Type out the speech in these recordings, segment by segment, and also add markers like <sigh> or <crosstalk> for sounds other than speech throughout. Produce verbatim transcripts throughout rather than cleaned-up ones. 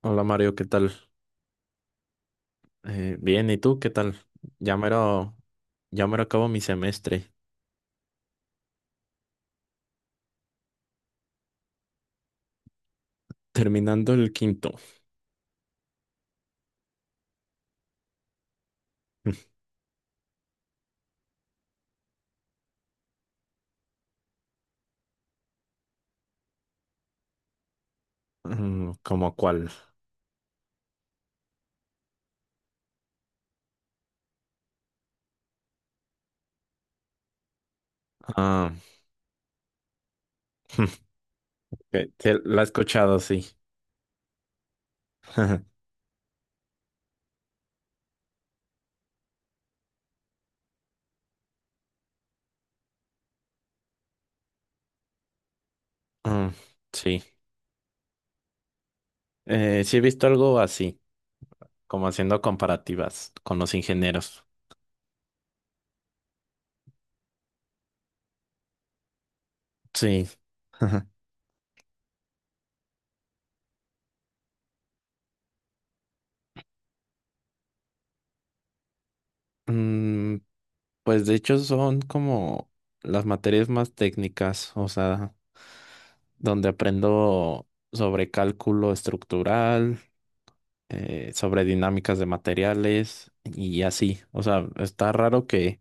Hola Mario, ¿qué tal? Eh, bien, ¿y tú qué tal? Ya mero, ya mero acabo mi semestre, <laughs> terminando el quinto. <laughs> Mm, ¿cómo cuál? Ah, <laughs> que- que la he escuchado, sí. <laughs> Mm, sí. Eh, sí he visto algo así, como haciendo comparativas con los ingenieros. Sí. <laughs> Mm, pues de hecho son como las materias más técnicas, o sea, donde aprendo sobre cálculo estructural. Eh, sobre dinámicas de materiales y así. O sea, está raro que,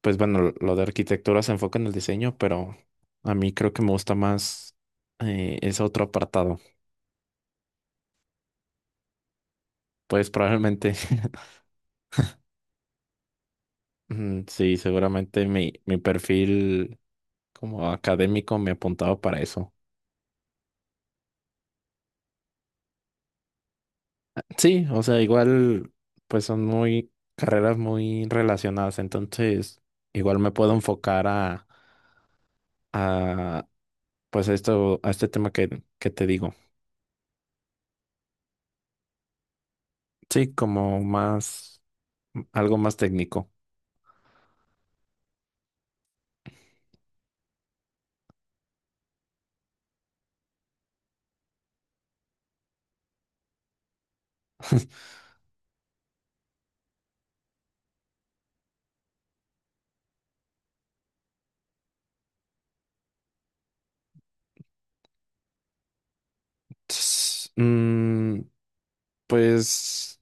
pues bueno, lo de arquitectura se enfoca en el diseño, pero a mí creo que me gusta más eh, ese otro apartado. Pues probablemente, <laughs> mm, sí, seguramente mi, mi perfil como académico me apuntaba para eso. Sí, o sea, igual, pues son muy carreras muy relacionadas, entonces igual me puedo enfocar a, a, pues a esto, a este tema que, que te digo. Sí, como más, algo más técnico. Ts- mm, pues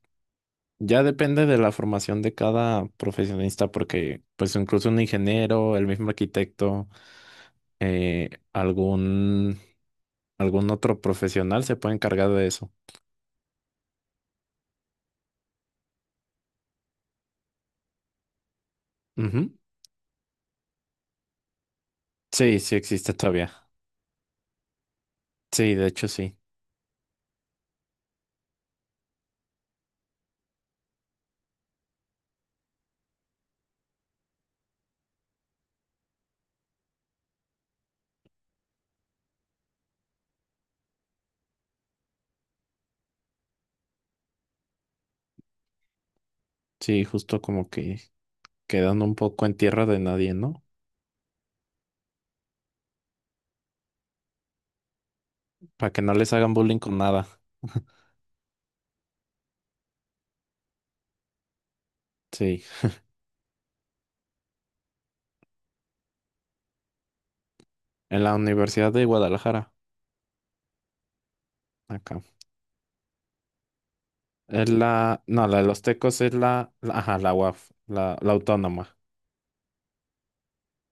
ya depende de la formación de cada profesionista, porque pues incluso un ingeniero, el mismo arquitecto, eh, algún, algún otro profesional se puede encargar de eso. Ujú. Sí, sí existe todavía. Sí, de hecho sí. Sí, justo como que quedando un poco en tierra de nadie, ¿no? Para que no les hagan bullying con nada. Sí. En la Universidad de Guadalajara, acá. Es la, no, la de los Tecos es la, la- ajá, la U A F, la, la autónoma.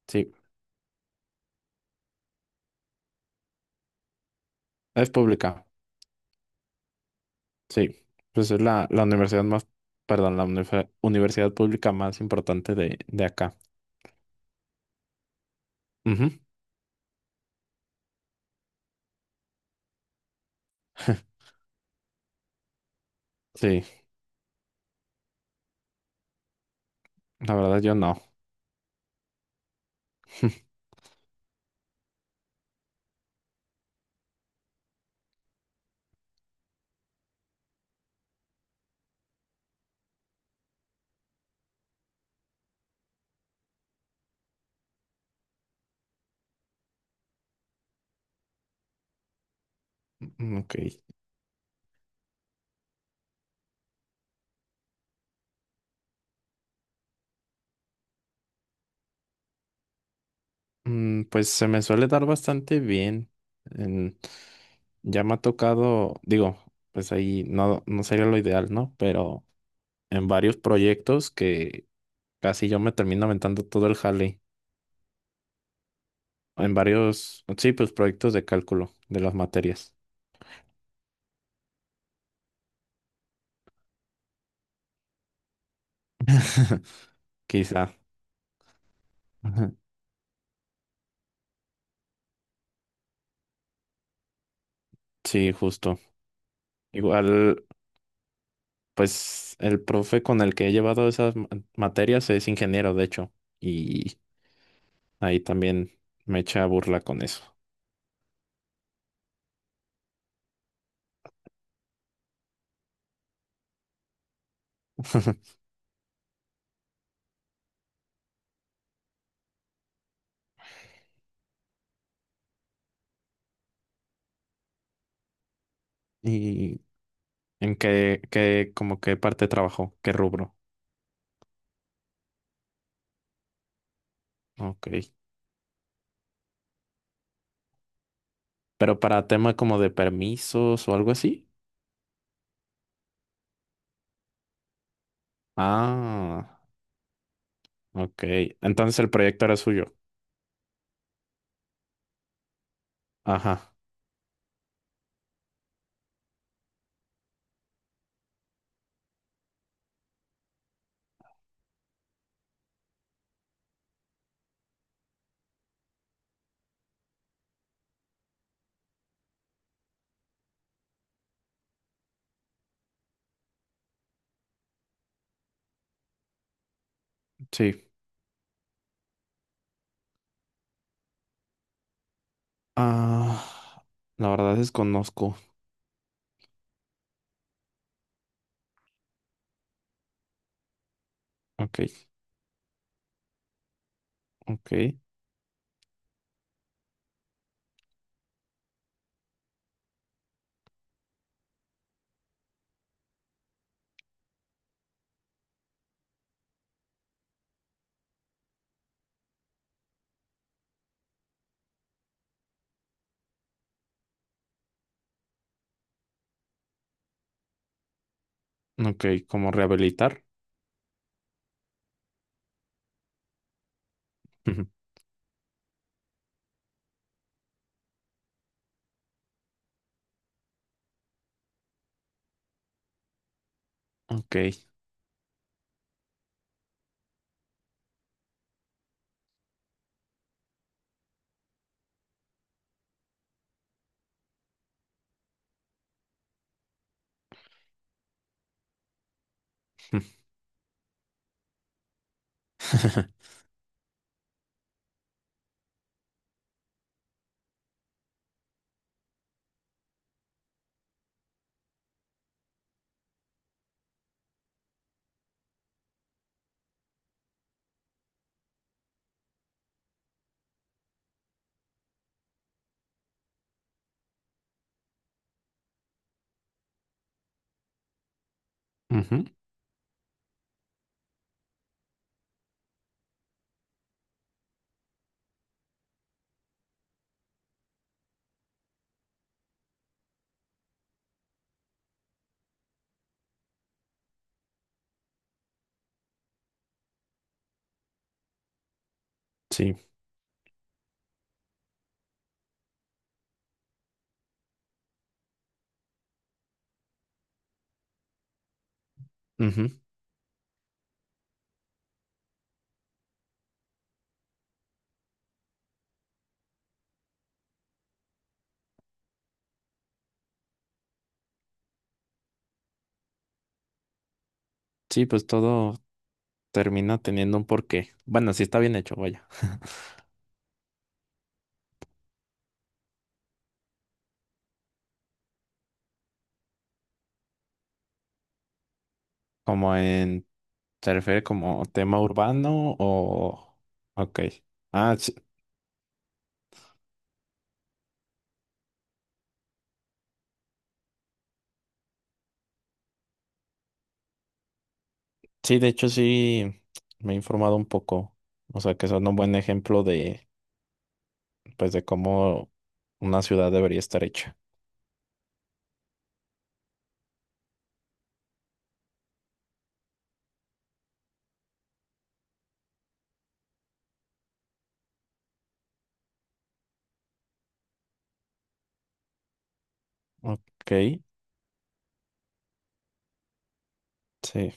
Sí, es pública. Sí, pues es la, la universidad más, perdón, la unife- universidad pública más importante de, de acá. Ujú. <laughs> Sí, la verdad yo no. <laughs> Ok. Mm, pues se me suele dar bastante bien. En- ya me ha tocado, digo, pues ahí no, no sería lo ideal, ¿no? Pero en varios proyectos que casi yo me termino aventando todo el jale en varios, sí, pues proyectos de cálculo de las materias. <laughs> Quizá. Ajá. Sí, justo. Igual, pues el profe con el que he llevado esas ma- materias es ingeniero, de hecho, y ahí también me echa burla con eso. <laughs> ¿Y en qué, qué, como qué parte trabajó? ¿Qué rubro? Ok. Pero para tema como de permisos o algo así. Ah, ok. Entonces el proyecto era suyo. Ajá, sí. Ah, la verdad desconozco. Ok, ok, ok, ¿cómo rehabilitar? Ujú, ok. <laughs> Ujú, sí, ujú. Sí, pues todo termina teniendo un porqué. Bueno, sí está bien hecho, vaya. <laughs> Como en, ¿se refiere como tema urbano o...? Ok. Ah, sí, sí, de hecho sí me he informado un poco. O sea, que son un buen ejemplo de, pues, de cómo una ciudad debería estar hecha. Ok, sí.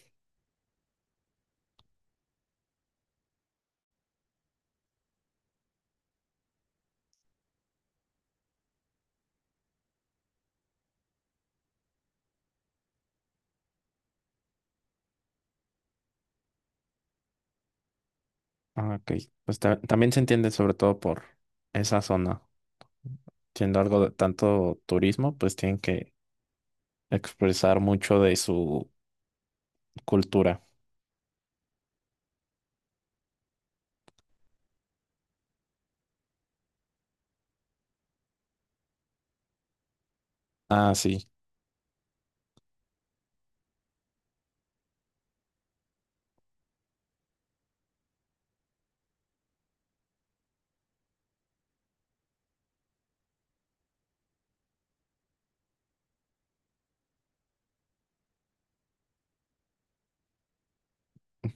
Ah, ok. Pues ta- también se entiende sobre todo por esa zona. Siendo algo de tanto turismo, pues tienen que expresar mucho de su cultura. Ah, sí,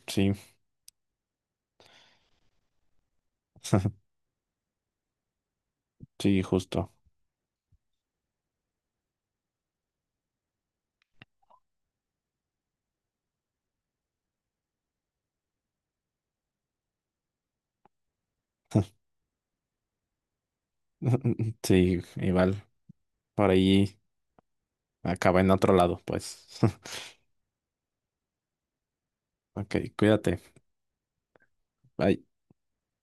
sí, <laughs> sí, justo. <laughs> Sí, igual. Por ahí acaba en otro lado, pues. <laughs> Ok, cuídate. Bye.